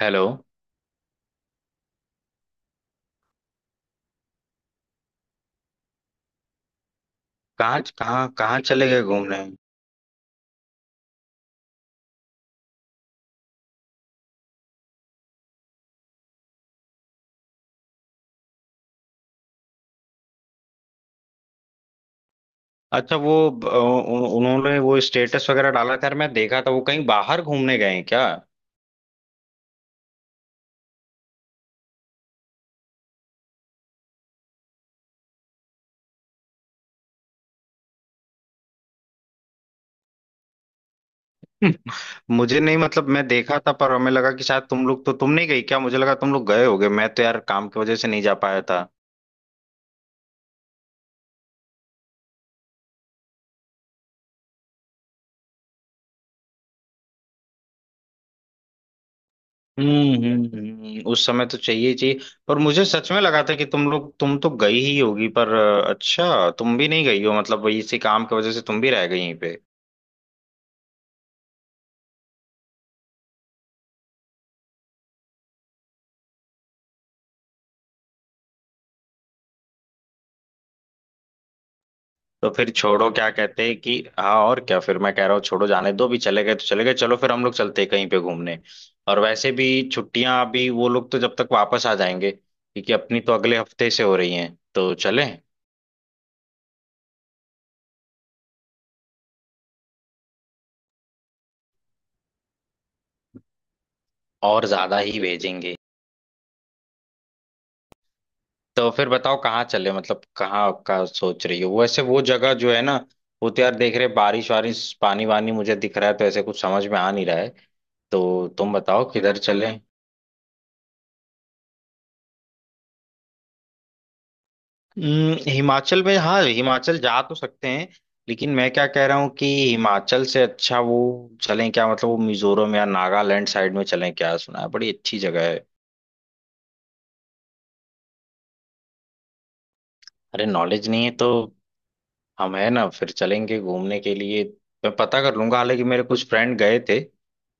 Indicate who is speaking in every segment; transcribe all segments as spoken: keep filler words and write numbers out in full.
Speaker 1: Hello. कहाँ कहाँ कहाँ चले गए घूमने? अच्छा, वो अ, उन- उन्होंने वो स्टेटस वगैरह डाला खैर मैं देखा था, वो कहीं बाहर घूमने गए हैं क्या? मुझे नहीं, मतलब मैं देखा था पर हमें लगा कि शायद तुम लोग तो तुम नहीं गई क्या, मुझे लगा तुम लोग गए होगे। मैं तो यार काम की वजह से नहीं जा पाया था। हम्म हम्म हम्म, उस समय तो चाहिए ही चाहिए। पर मुझे सच में लगा था कि तुम लोग तुम तो गई ही होगी पर अ, अच्छा तुम भी नहीं गई हो, मतलब वही इसी काम की वजह से तुम भी रह गई यहीं पे। तो फिर छोड़ो, क्या कहते हैं कि हाँ और क्या, फिर मैं कह रहा हूँ छोड़ो जाने दो, भी चले गए तो चले गए, चलो फिर हम लोग चलते हैं कहीं पे घूमने। और वैसे भी छुट्टियां अभी, वो लोग तो जब तक वापस आ जाएंगे क्योंकि अपनी तो अगले हफ्ते से हो रही हैं, तो चलें। और ज्यादा ही भेजेंगे। तो फिर बताओ कहाँ चले, मतलब कहाँ आपका सोच रही हो। वैसे वो जगह जो है ना, वो तो यार देख रहे बारिश वारिश पानी वानी मुझे दिख रहा है, तो ऐसे कुछ समझ में आ नहीं रहा है। तो तुम बताओ किधर चले। हम्म, हिमाचल में, हाँ हिमाचल जा तो सकते हैं। लेकिन मैं क्या कह रहा हूँ कि हिमाचल से अच्छा वो चलें क्या, मतलब वो मिजोरम या नागालैंड साइड में चलें क्या, सुना है बड़ी अच्छी जगह है। अरे नॉलेज नहीं है तो हम है ना, फिर चलेंगे घूमने के लिए। मैं पता कर लूंगा, हालांकि मेरे कुछ फ्रेंड गए थे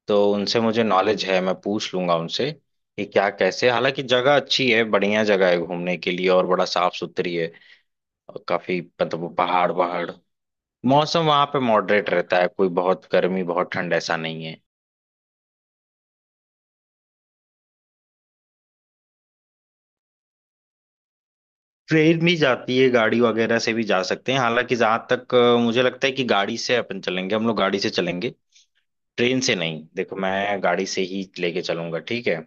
Speaker 1: तो उनसे मुझे नॉलेज है, मैं पूछ लूंगा उनसे कि क्या कैसे। हालांकि जगह अच्छी है, बढ़िया जगह है घूमने के लिए और बड़ा साफ सुथरी है। और काफी, मतलब वो पहाड़ पहाड़। मौसम वहां पे मॉडरेट रहता है, कोई बहुत गर्मी बहुत ठंड ऐसा नहीं है। ट्रेन भी जाती है, गाड़ी वगैरह से भी जा सकते हैं, हालांकि जहां तक अ, मुझे लगता है कि गाड़ी से अपन चलेंगे, हम लोग गाड़ी से चलेंगे। ट्रेन से नहीं, देखो मैं गाड़ी से ही लेके चलूंगा, ठीक है।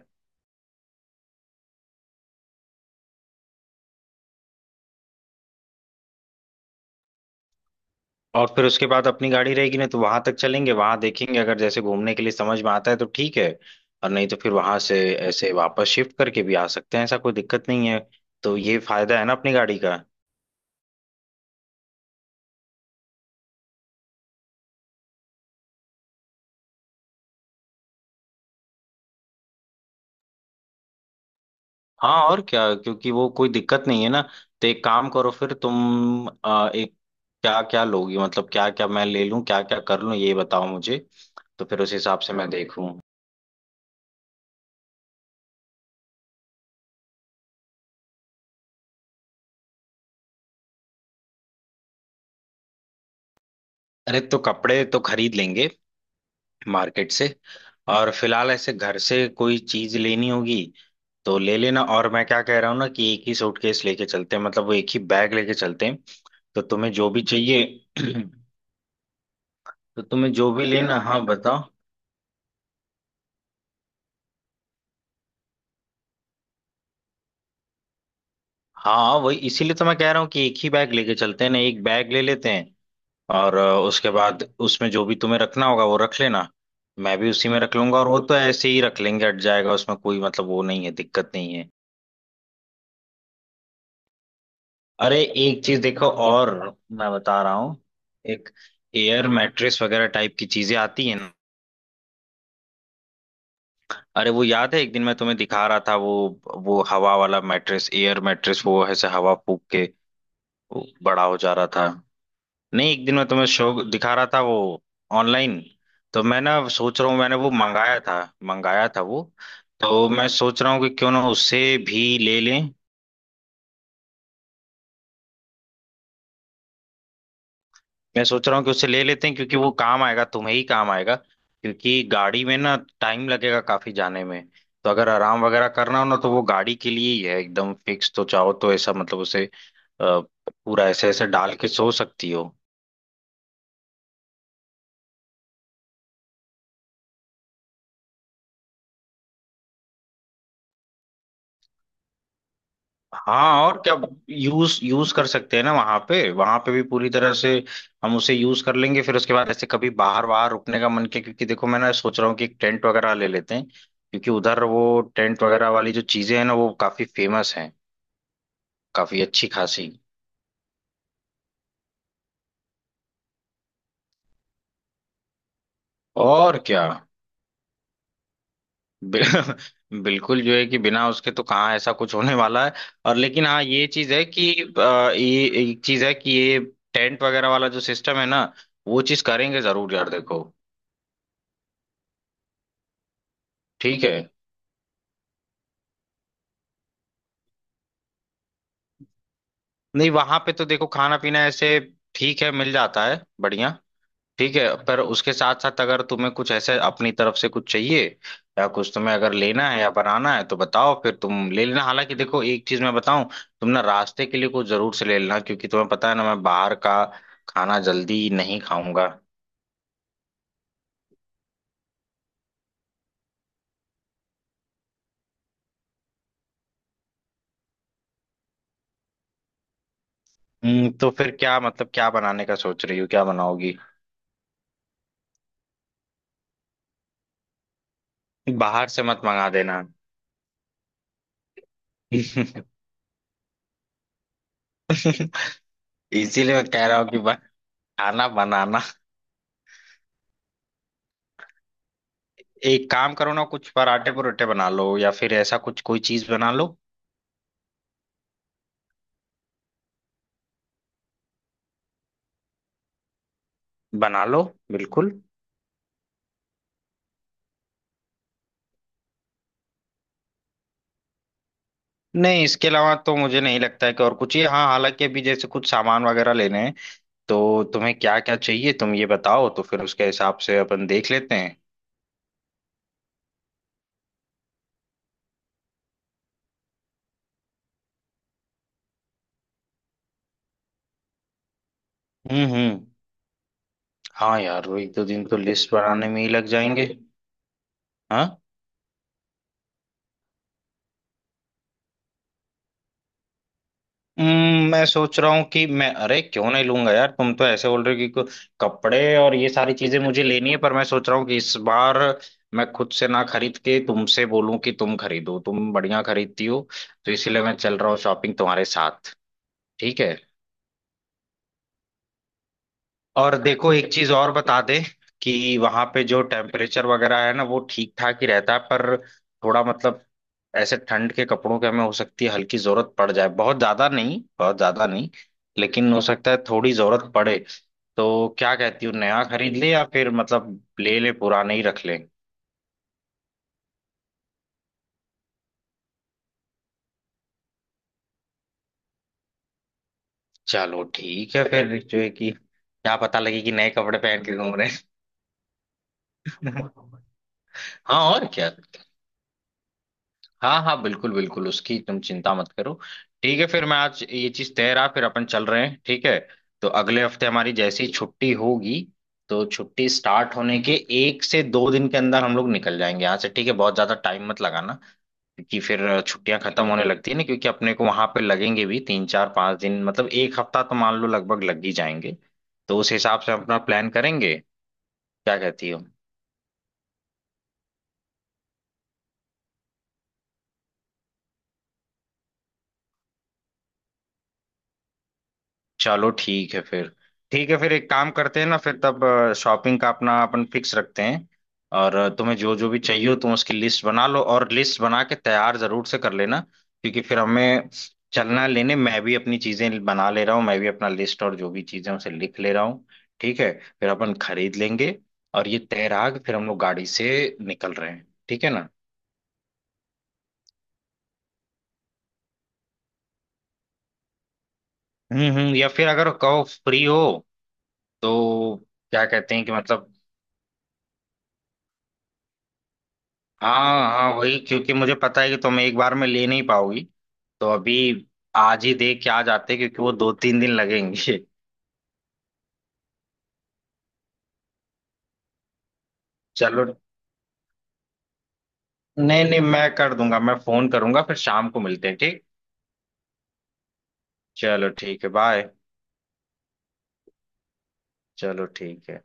Speaker 1: और फिर उसके बाद अपनी गाड़ी रहेगी ना, तो वहां तक चलेंगे, वहां देखेंगे, अगर जैसे घूमने के लिए समझ में आता है तो ठीक है। और नहीं तो फिर वहां से ऐसे वापस शिफ्ट करके भी आ सकते हैं, ऐसा कोई दिक्कत नहीं है। तो ये फायदा है ना अपनी गाड़ी का। हाँ और क्या, क्योंकि वो कोई दिक्कत नहीं है ना। तो एक काम करो, फिर तुम आ, एक, क्या क्या लोगी, मतलब क्या क्या मैं ले लूं, क्या क्या कर लूं, ये बताओ मुझे। तो फिर उस हिसाब से मैं देखूं। अरे तो कपड़े तो खरीद लेंगे मार्केट से। और फिलहाल ऐसे घर से कोई चीज लेनी होगी तो ले लेना। और मैं क्या कह रहा हूँ ना कि एक ही सूटकेस लेके चलते हैं, मतलब वो एक ही बैग लेके चलते हैं। तो तुम्हें जो भी चाहिए। तो तुम्हें जो भी लेना हाँ बताओ। हाँ वही, इसीलिए तो मैं कह रहा हूँ कि एक ही बैग लेके चलते हैं ना, एक बैग ले लेते हैं। और अ, उसके बाद उसमें जो भी तुम्हें रखना होगा वो रख लेना। मैं भी उसी में रख लूंगा, और वो तो ऐसे ही रख लेंगे, हट जाएगा उसमें, कोई मतलब वो नहीं है, दिक्कत नहीं है। अरे एक चीज देखो और, मैं बता रहा हूँ। एक एयर मैट्रेस वगैरह टाइप की चीजें आती है ना। अरे वो याद है, एक दिन मैं तुम्हें दिखा रहा था वो वो हवा वाला मैट्रेस, एयर मैट्रेस, वो ऐसे हवा फूक के वो बड़ा हो जा रहा था। नहीं एक दिन मैं तुम्हें शो दिखा रहा था वो, ऑनलाइन। तो मैं ना सोच रहा हूँ मैंने वो मंगाया था, मंगाया था वो। तो मैं सोच रहा हूँ कि क्यों ना उससे भी ले लें। मैं सोच रहा हूँ कि उससे ले लेते हैं, क्योंकि वो काम आएगा, तुम्हें ही काम आएगा, क्योंकि गाड़ी में ना टाइम लगेगा काफी जाने में। तो अगर आराम वगैरह करना हो ना, तो वो गाड़ी के लिए ही है एकदम फिक्स, तो चाहो तो ऐसा मतलब उसे अ, पूरा ऐसे ऐसे डाल के सो सकती हो। हाँ और क्या, यूज यूज कर सकते हैं ना वहां पे, वहां पे भी पूरी तरह से हम उसे यूज कर लेंगे। फिर उसके बाद ऐसे कभी बाहर बाहर रुकने का मन किया, क्योंकि देखो मैं ना सोच रहा हूँ कि एक टेंट वगैरह ले लेते हैं, क्योंकि उधर वो टेंट वगैरह वाली जो चीजें हैं ना वो काफी फेमस हैं, काफी अच्छी खासी। और क्या। बि- बिल्कुल जो है कि बिना उसके तो कहाँ ऐसा कुछ होने वाला है। और लेकिन हाँ ये चीज है कि अ, ये एक चीज है कि ये टेंट वगैरह वाला जो सिस्टम है ना, वो चीज करेंगे जरूर यार देखो। ठीक है। नहीं वहां पे तो देखो खाना पीना ऐसे ठीक है, मिल जाता है बढ़िया। ठीक है पर उसके साथ साथ अगर तुम्हें कुछ ऐसे अपनी तरफ से कुछ चाहिए या कुछ तुम्हें अगर लेना है या बनाना है तो बताओ, फिर तुम ले लेना। हालांकि देखो एक चीज मैं बताऊं, तुम ना रास्ते के लिए कुछ जरूर से ले लेना, क्योंकि तुम्हें पता है ना मैं बाहर का खाना जल्दी नहीं खाऊंगा। हम्म, तो फिर क्या, मतलब क्या बनाने का सोच रही हो, क्या बनाओगी, बाहर से मत मंगा देना। इसीलिए मैं कह रहा हूँ कि बस खाना बनाना। एक काम करो ना, कुछ पराठे परोठे बना लो या फिर ऐसा कुछ कोई चीज बना लो। बना लो बिल्कुल। नहीं इसके अलावा तो मुझे नहीं लगता है कि और कुछ ही, हाँ हालांकि अभी जैसे कुछ सामान वगैरह लेने हैं, तो तुम्हें क्या क्या चाहिए तुम ये बताओ तो फिर उसके हिसाब से अपन देख लेते हैं। हम्म हम्म। हाँ यार वो एक दो दिन तो लिस्ट बनाने में ही लग जाएंगे। हाँ। हम्म, मैं सोच रहा हूँ कि मैं, अरे क्यों नहीं लूंगा यार, तुम तो ऐसे बोल रहे हो कि को- कपड़े और ये सारी चीजें मुझे लेनी है, पर मैं सोच रहा हूँ कि इस बार मैं खुद से ना खरीद के तुमसे बोलूं कि तुम खरीदो, तुम बढ़िया खरीदती हो। तो इसीलिए मैं चल रहा हूँ शॉपिंग तुम्हारे साथ। ठीक है। और देखो एक चीज और बता दे कि वहां पे जो टेम्परेचर वगैरह है ना वो ठीक ठाक ही रहता है, पर थोड़ा मतलब ऐसे ठंड के कपड़ों के हमें हो सकती है हल्की जरूरत पड़ जाए, बहुत ज्यादा नहीं, बहुत ज्यादा नहीं, लेकिन हो सकता है थोड़ी जरूरत पड़े। तो क्या कहती हूँ नया खरीद ले या फिर मतलब ले ले पुराने ही रख ले। चलो ठीक है फिर, जो है कि क्या पता लगे कि नए कपड़े पहन के घूम रहे हैं। हाँ और क्या। हाँ हाँ बिल्कुल बिल्कुल, उसकी तुम चिंता मत करो। ठीक है फिर मैं आज ये चीज तय रहा, फिर अपन चल रहे हैं ठीक है। तो अगले हफ्ते हमारी जैसी छुट्टी होगी, तो छुट्टी स्टार्ट होने के एक से दो दिन के अंदर हम लोग निकल जाएंगे यहाँ से, ठीक है, बहुत ज्यादा टाइम मत लगाना, क्योंकि फिर छुट्टियां खत्म होने लगती है ना, क्योंकि अपने को वहां पे लगेंगे भी तीन चार पांच दिन, मतलब एक हफ्ता तो मान लो लगभग लग ही जाएंगे। तो उस हिसाब से अपना प्लान करेंगे। क्या कहती हो। चलो ठीक है फिर, ठीक है फिर एक काम करते हैं ना, फिर तब शॉपिंग का अपना अपन फिक्स रखते हैं। और अ, तुम्हें जो जो भी चाहिए हो तुम उसकी लिस्ट बना लो, और लिस्ट बना के तैयार जरूर से कर लेना, क्योंकि फिर हमें चलना है लेने। मैं भी अपनी चीजें बना ले रहा हूँ, मैं भी अपना लिस्ट और जो भी चीजें हैं, उसे लिख ले रहा हूँ। ठीक है, फिर अपन खरीद लेंगे। और ये तैराग फिर हम लोग गाड़ी से निकल रहे हैं, ठीक है ना। हम्म हम्म, या फिर अगर कहो फ्री हो तो, क्या कहते हैं कि मतलब, हाँ हाँ वही, क्योंकि मुझे पता है कि तुम एक बार में ले नहीं पाओगी, तो अभी आज ही देख के आ जाते क्योंकि वो दो तीन दिन लगेंगे। चलो, नहीं नहीं मैं कर दूंगा, मैं फोन करूंगा, फिर शाम को मिलते हैं, ठीक। चलो ठीक है, बाय। चलो ठीक है।